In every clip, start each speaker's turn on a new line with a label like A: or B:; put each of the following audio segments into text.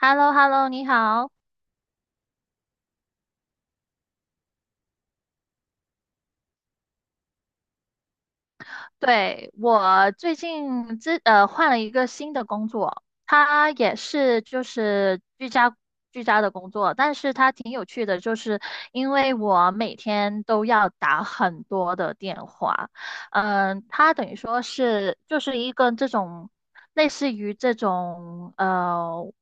A: h e l l o h e l l o 你好。对，我最近换了一个新的工作，它也是就是居家的工作，但是它挺有趣的，就是因为我每天都要打很多的电话，它等于说是就是一个这种类似于这种。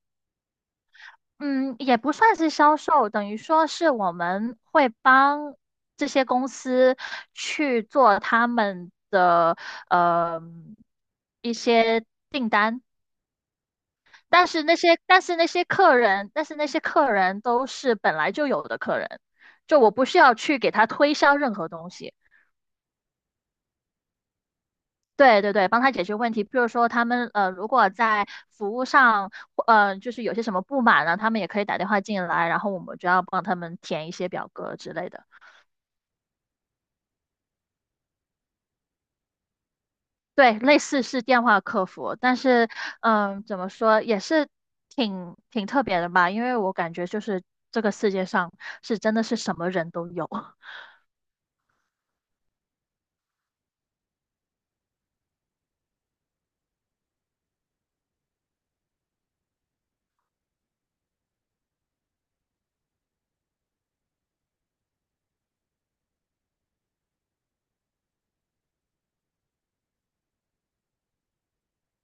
A: 嗯，也不算是销售，等于说是我们会帮这些公司去做他们的呃一些，但是那些客人都是本来就有的客人，就我不需要去给他推销任何东西。对对对，帮他解决问题。比如说，他们,如果在服务上，就是有些什么不满呢，他们也可以打电话进来，然后我们就要帮他们填一些表格之类的。对，类似是电话客服，但是，嗯，怎么说也是挺特别的吧，因为我感觉就是这个世界上是真的是什么人都有。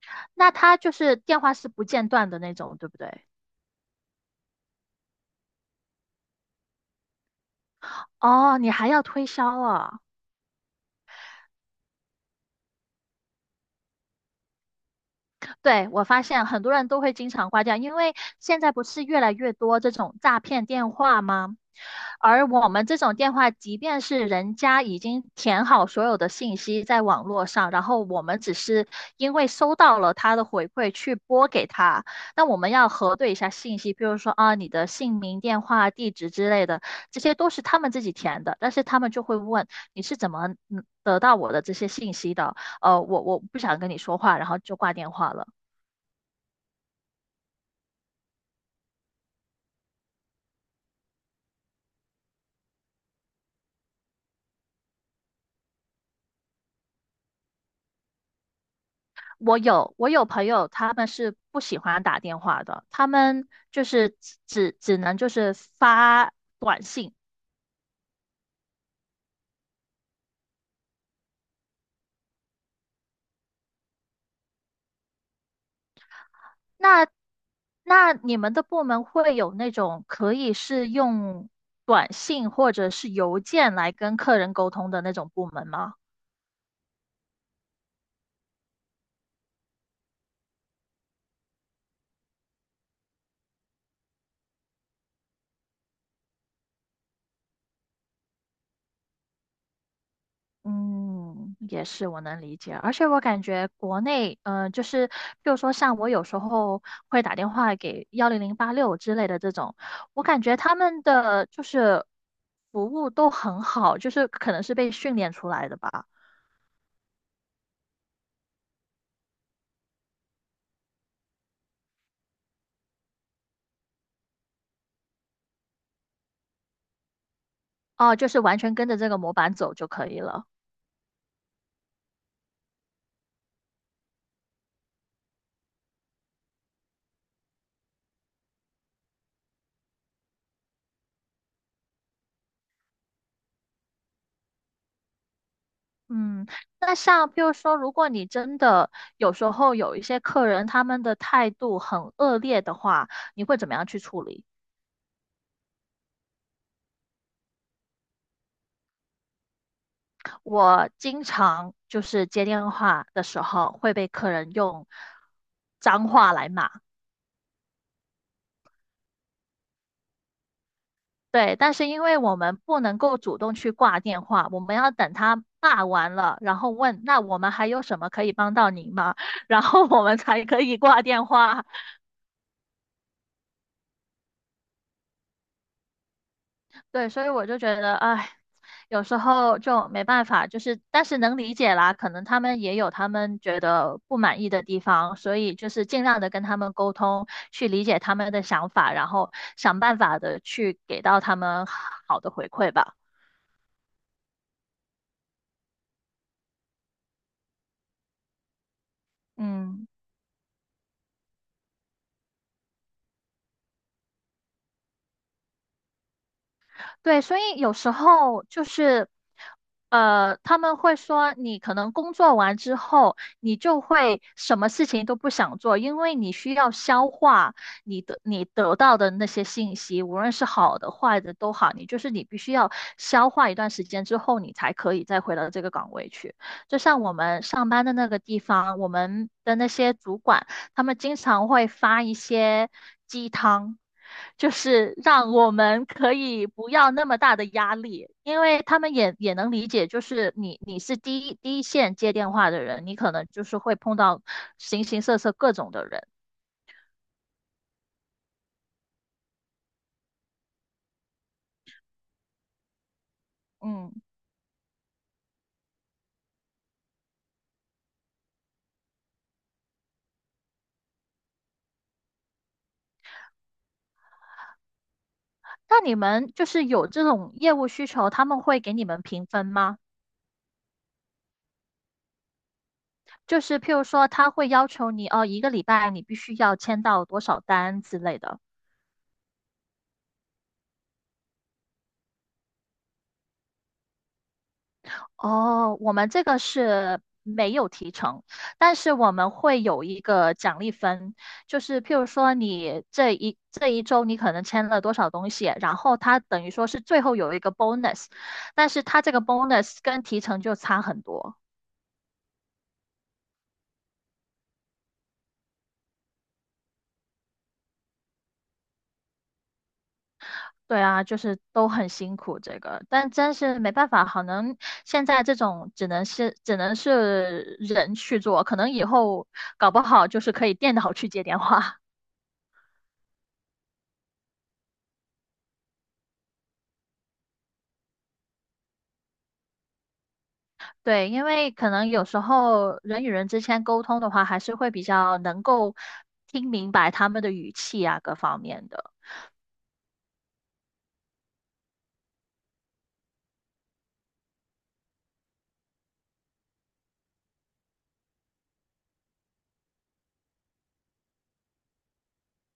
A: 那他就是电话是不间断的那种，对不对？哦，你还要推销啊？对，我发现很多人都会经常挂掉，因为现在不是越来越多这种诈骗电话吗？而我们这种电话，即便是人家已经填好所有的信息在网络上，然后我们只是因为收到了他的回馈去拨给他，那我们要核对一下信息，比如说啊你的姓名、电话、地址之类的，这些都是他们自己填的，但是他们就会问你是怎么得到我的这些信息的？我不想跟你说话，然后就挂电话了。我有朋友，他们是不喜欢打电话的，他们就是只能就是发短信。那那你们的部门会有那种可以是用短信或者是邮件来跟客人沟通的那种部门吗？嗯，也是我能理解，而且我感觉国内，就是比如说像我有时候会打电话给10086之类的这种，我感觉他们的就是服务都很好，就是可能是被训练出来的吧，哦，就是完全跟着这个模板走就可以了。嗯，那像比如说，如果你真的有时候有一些客人他们的态度很恶劣的话，你会怎么样去处理？我经常就是接电话的时候会被客人用脏话来骂，对，但是因为我们不能够主动去挂电话，我们要等他骂完了，然后问那我们还有什么可以帮到您吗？然后我们才可以挂电话。对，所以我就觉得，哎，有时候就没办法，就是但是能理解啦，可能他们也有他们觉得不满意的地方，所以就是尽量的跟他们沟通，去理解他们的想法，然后想办法的去给到他们好的回馈吧。嗯。对，所以有时候就是，他们会说你可能工作完之后，你就会什么事情都不想做，因为你需要消化你得到的那些信息，无论是好的坏的都好，你就是你必须要消化一段时间之后，你才可以再回到这个岗位去。就像我们上班的那个地方，我们的那些主管。他们经常会发一些鸡汤，就是让我们可以不要那么大的压力，因为他们也能理解，就是你是第一线接电话的人，你可能就是会碰到形形色色各种的人，嗯。那你们就是有这种业务需求，他们会给你们评分吗？就是譬如说，他会要求你哦，一个礼拜你必须要签到多少单之类的。哦，我们这个是没有提成，但是我们会有一个奖励分，就是譬如说你这一周你可能签了多少东西，然后它等于说是最后有一个 bonus,但是它这个 bonus 跟提成就差很多。对啊，就是都很辛苦这个，但真是没办法，可能现在这种只能是人去做，可能以后搞不好就是可以电脑去接电话。对，因为可能有时候人与人之间沟通的话，还是会比较能够听明白他们的语气啊，各方面的。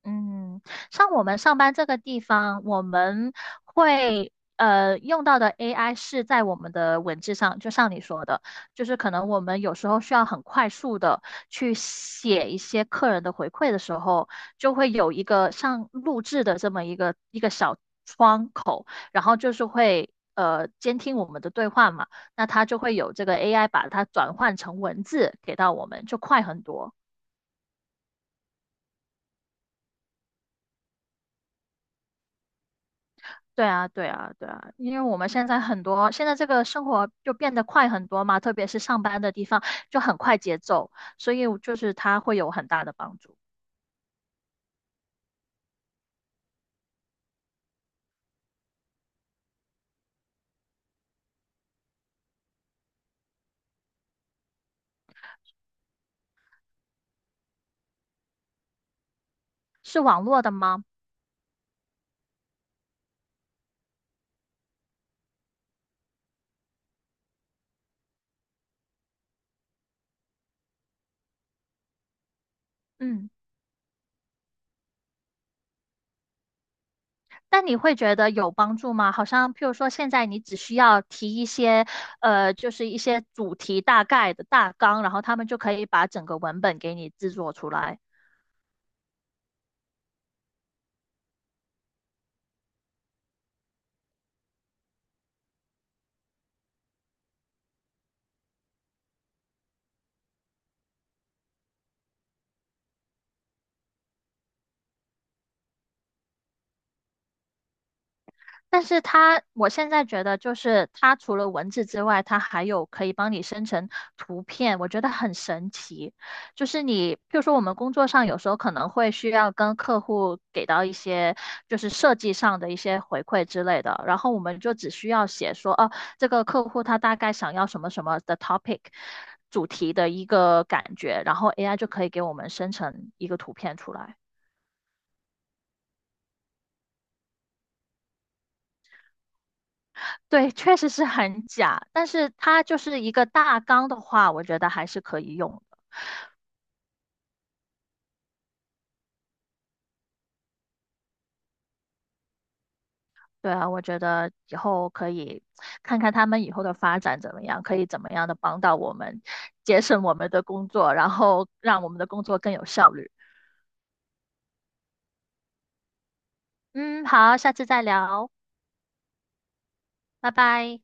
A: 嗯，像我们上班这个地方，我们会用到的 AI 是在我们的文字上，就像你说的，就是可能我们有时候需要很快速的去写一些客人的回馈的时候，就会有一个像录制的这么一个小窗口，然后就是会监听我们的对话嘛，那它就会有这个 AI 把它转换成文字给到我们，就快很多。对啊，对啊，对啊，因为我们现在很多，现在这个生活就变得快很多嘛，特别是上班的地方就很快节奏，所以就是它会有很大的帮助。是网络的吗？嗯，但你会觉得有帮助吗？好像譬如说现在你只需要提一些，就是一些主题大概的大纲，然后他们就可以把整个文本给你制作出来。但是它，我现在觉得就是它除了文字之外，它还有可以帮你生成图片，我觉得很神奇。就是你，譬如说我们工作上有时候可能会需要跟客户给到一些就是设计上的一些回馈之类的，然后我们就只需要写说，哦，这个客户他大概想要什么什么的 topic 主题的一个感觉，然后 AI 就可以给我们生成一个图片出来。对，确实是很假，但是它就是一个大纲的话，我觉得还是可以用的。对啊，我觉得以后可以看看他们以后的发展怎么样，可以怎么样的帮到我们，节省我们的工作，然后让我们的工作更有效率。嗯，好，下次再聊，拜拜。